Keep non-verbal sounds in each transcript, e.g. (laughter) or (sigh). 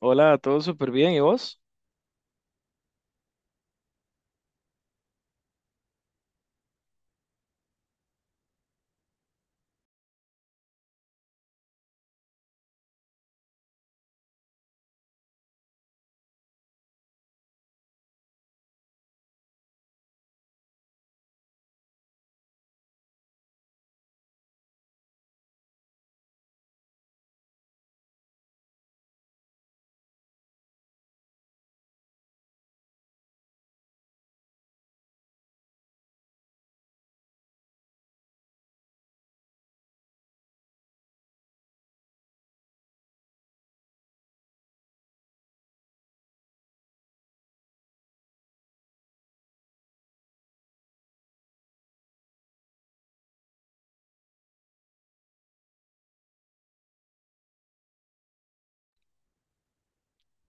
Hola, todo súper bien, ¿y vos?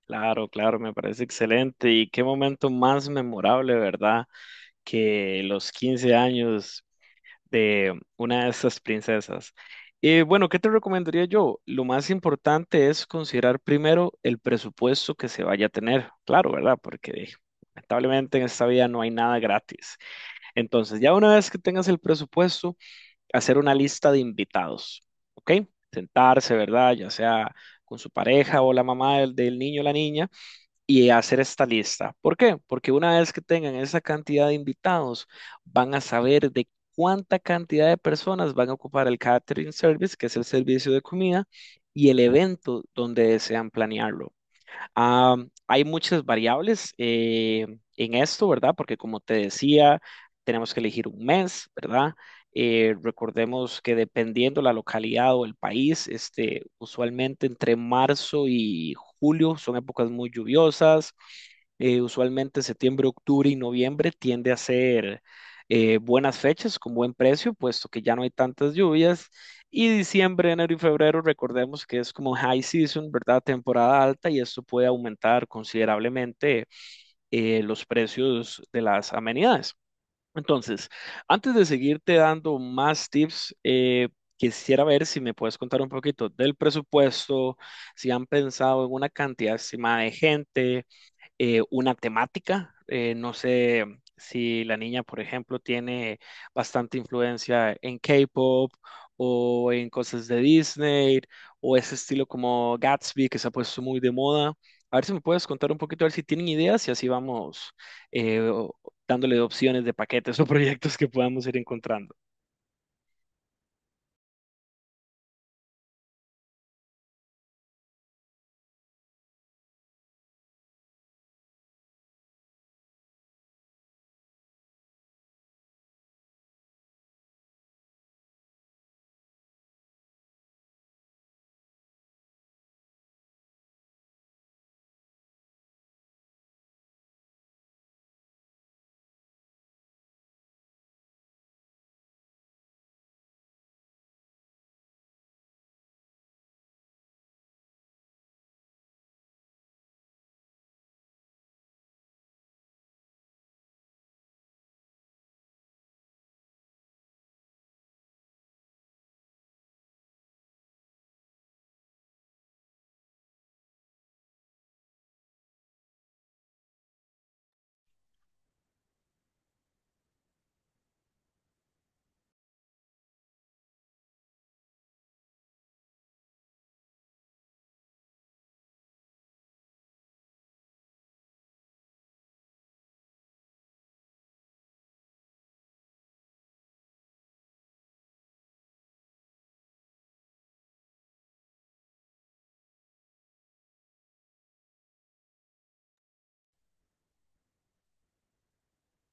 Claro, claro, me parece excelente. Y qué momento más memorable, ¿verdad? Que los 15 años de una de estas princesas. Y bueno, ¿qué te recomendaría yo? Lo más importante es considerar primero el presupuesto que se vaya a tener. Claro, ¿verdad? Porque lamentablemente en esta vida no hay nada gratis. Entonces, ya una vez que tengas el presupuesto, hacer una lista de invitados, ¿ok? Sentarse, ¿verdad? Ya sea con su pareja o la mamá del niño o la niña y hacer esta lista. ¿Por qué? Porque una vez que tengan esa cantidad de invitados, van a saber de cuánta cantidad de personas van a ocupar el catering service, que es el servicio de comida, y el evento donde desean planearlo. Ah, hay muchas variables en esto, ¿verdad? Porque como te decía, tenemos que elegir un mes, ¿verdad? Recordemos que dependiendo la localidad o el país, este, usualmente entre marzo y julio son épocas muy lluviosas. Usualmente septiembre, octubre y noviembre tiende a ser buenas fechas con buen precio, puesto que ya no hay tantas lluvias. Y diciembre, enero y febrero, recordemos que es como high season, ¿verdad? Temporada alta y esto puede aumentar considerablemente los precios de las amenidades. Entonces, antes de seguirte dando más tips, quisiera ver si me puedes contar un poquito del presupuesto, si han pensado en una cantidad estimada de gente, una temática. No sé si la niña, por ejemplo, tiene bastante influencia en K-pop o en cosas de Disney o ese estilo como Gatsby que se ha puesto muy de moda. A ver si me puedes contar un poquito, a ver si tienen ideas y así vamos eh, o- dándole opciones de paquetes (laughs) o proyectos que podamos ir encontrando.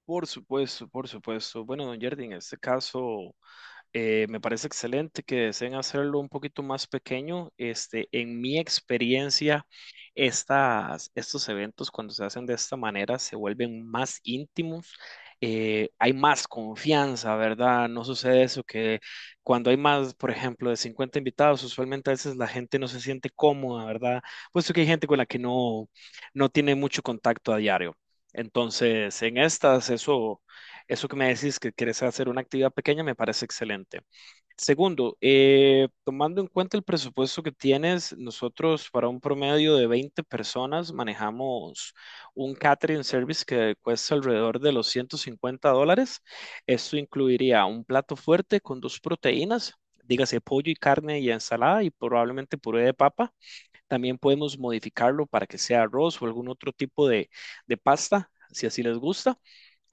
Por supuesto, por supuesto. Bueno, don Jardín, en este caso me parece excelente que deseen hacerlo un poquito más pequeño. Este, en mi experiencia, estos eventos cuando se hacen de esta manera se vuelven más íntimos. Hay más confianza, ¿verdad? No sucede eso que cuando hay más, por ejemplo, de 50 invitados, usualmente a veces la gente no se siente cómoda, ¿verdad? Puesto que hay gente con la que no tiene mucho contacto a diario. Entonces, en estas, eso que me decís que quieres hacer una actividad pequeña me parece excelente. Segundo, tomando en cuenta el presupuesto que tienes, nosotros para un promedio de 20 personas manejamos un catering service que cuesta alrededor de los $150. Esto incluiría un plato fuerte con dos proteínas, dígase pollo y carne y ensalada y probablemente puré de papa. También podemos modificarlo para que sea arroz o algún otro tipo de pasta, si así les gusta.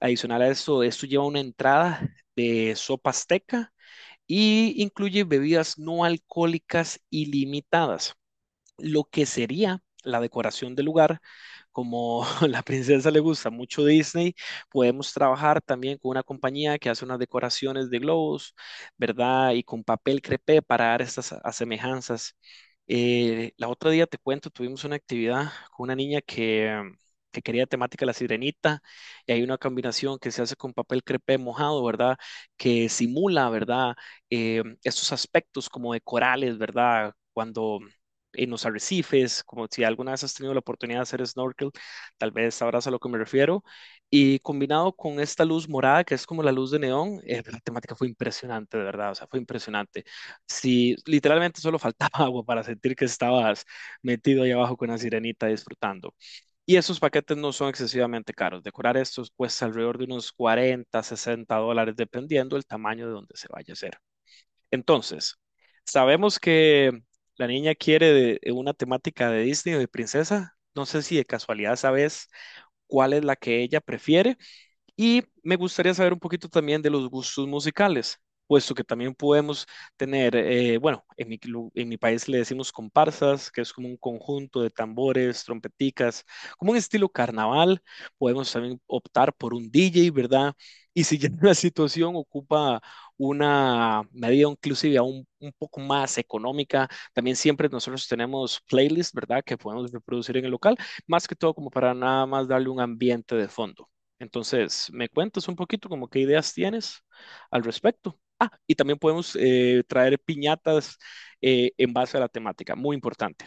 Adicional a esto, esto lleva una entrada de sopa azteca y incluye bebidas no alcohólicas ilimitadas, lo que sería la decoración del lugar. Como (laughs) a la princesa le gusta mucho Disney, podemos trabajar también con una compañía que hace unas decoraciones de globos, ¿verdad? Y con papel crepé para dar estas asemejanzas. La otra día te cuento, tuvimos una actividad con una niña que quería temática La Sirenita y hay una combinación que se hace con papel crepé mojado, ¿verdad? Que simula, ¿verdad? Estos aspectos como de corales, ¿verdad? Cuando en los arrecifes, como si alguna vez has tenido la oportunidad de hacer snorkel, tal vez sabrás a lo que me refiero, y combinado con esta luz morada, que es como la luz de neón, la temática fue impresionante, de verdad, o sea, fue impresionante. Si literalmente solo faltaba (laughs) agua para sentir que estabas metido ahí abajo con una sirenita disfrutando. Y esos paquetes no son excesivamente caros, decorar estos cuesta alrededor de unos $40 a $60, dependiendo el tamaño de donde se vaya a hacer. Entonces, sabemos que la niña quiere de una temática de Disney o de princesa. No sé si de casualidad sabes cuál es la que ella prefiere. Y me gustaría saber un poquito también de los gustos musicales, puesto que también podemos tener, bueno, en mi país le decimos comparsas, que es como un conjunto de tambores, trompeticas, como un estilo carnaval. Podemos también optar por un DJ, ¿verdad? Y si ya (laughs) la situación ocupa una medida inclusive aún un poco más económica, también siempre nosotros tenemos playlists, ¿verdad? Que podemos reproducir en el local, más que todo como para nada más darle un ambiente de fondo. Entonces, me cuentas un poquito como qué ideas tienes al respecto. Ah, y también podemos traer piñatas en base a la temática, muy importante.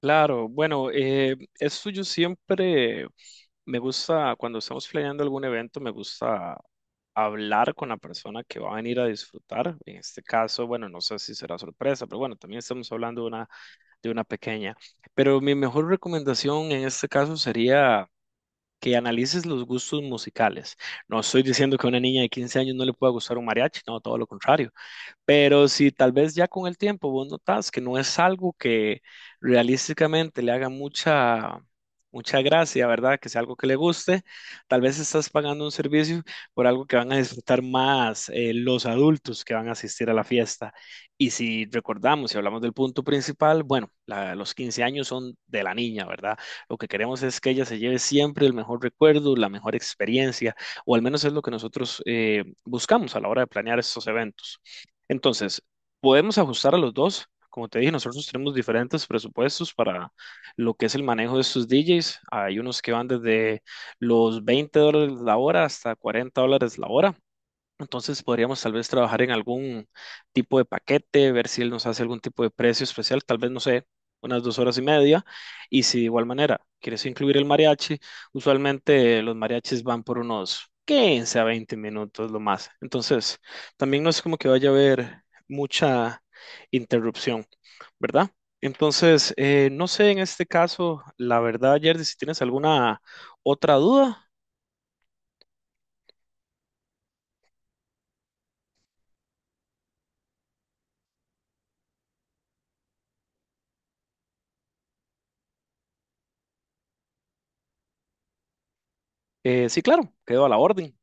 Claro, bueno, eso yo siempre me gusta, cuando estamos planeando algún evento, me gusta hablar con la persona que va a venir a disfrutar. En este caso, bueno, no sé si será sorpresa, pero bueno, también estamos hablando de de una pequeña. Pero mi mejor recomendación en este caso sería que analices los gustos musicales. No estoy diciendo que a una niña de 15 años no le pueda gustar un mariachi, no, todo lo contrario. Pero si tal vez ya con el tiempo vos notás que no es algo que realísticamente le haga mucha gracia, ¿verdad? Que sea algo que le guste, tal vez estás pagando un servicio por algo que van a disfrutar más los adultos que van a asistir a la fiesta. Y si recordamos, si hablamos del punto principal, bueno, los 15 años son de la niña, ¿verdad? Lo que queremos es que ella se lleve siempre el mejor recuerdo, la mejor experiencia, o al menos es lo que nosotros buscamos a la hora de planear estos eventos. Entonces, podemos ajustar a los dos. Como te dije, nosotros tenemos diferentes presupuestos para lo que es el manejo de estos DJs. Hay unos que van desde los $20 la hora hasta $40 la hora. Entonces podríamos tal vez trabajar en algún tipo de paquete, ver si él nos hace algún tipo de precio especial, tal vez, no sé, unas 2 horas y media. Y si de igual manera quieres incluir el mariachi, usualmente los mariachis van por unos 15 a 20 minutos lo más. Entonces, también no es como que vaya a haber mucha interrupción, ¿verdad? Entonces, no sé en este caso, la verdad, Jerdy, si tienes alguna otra duda, sí, claro, quedo a la orden.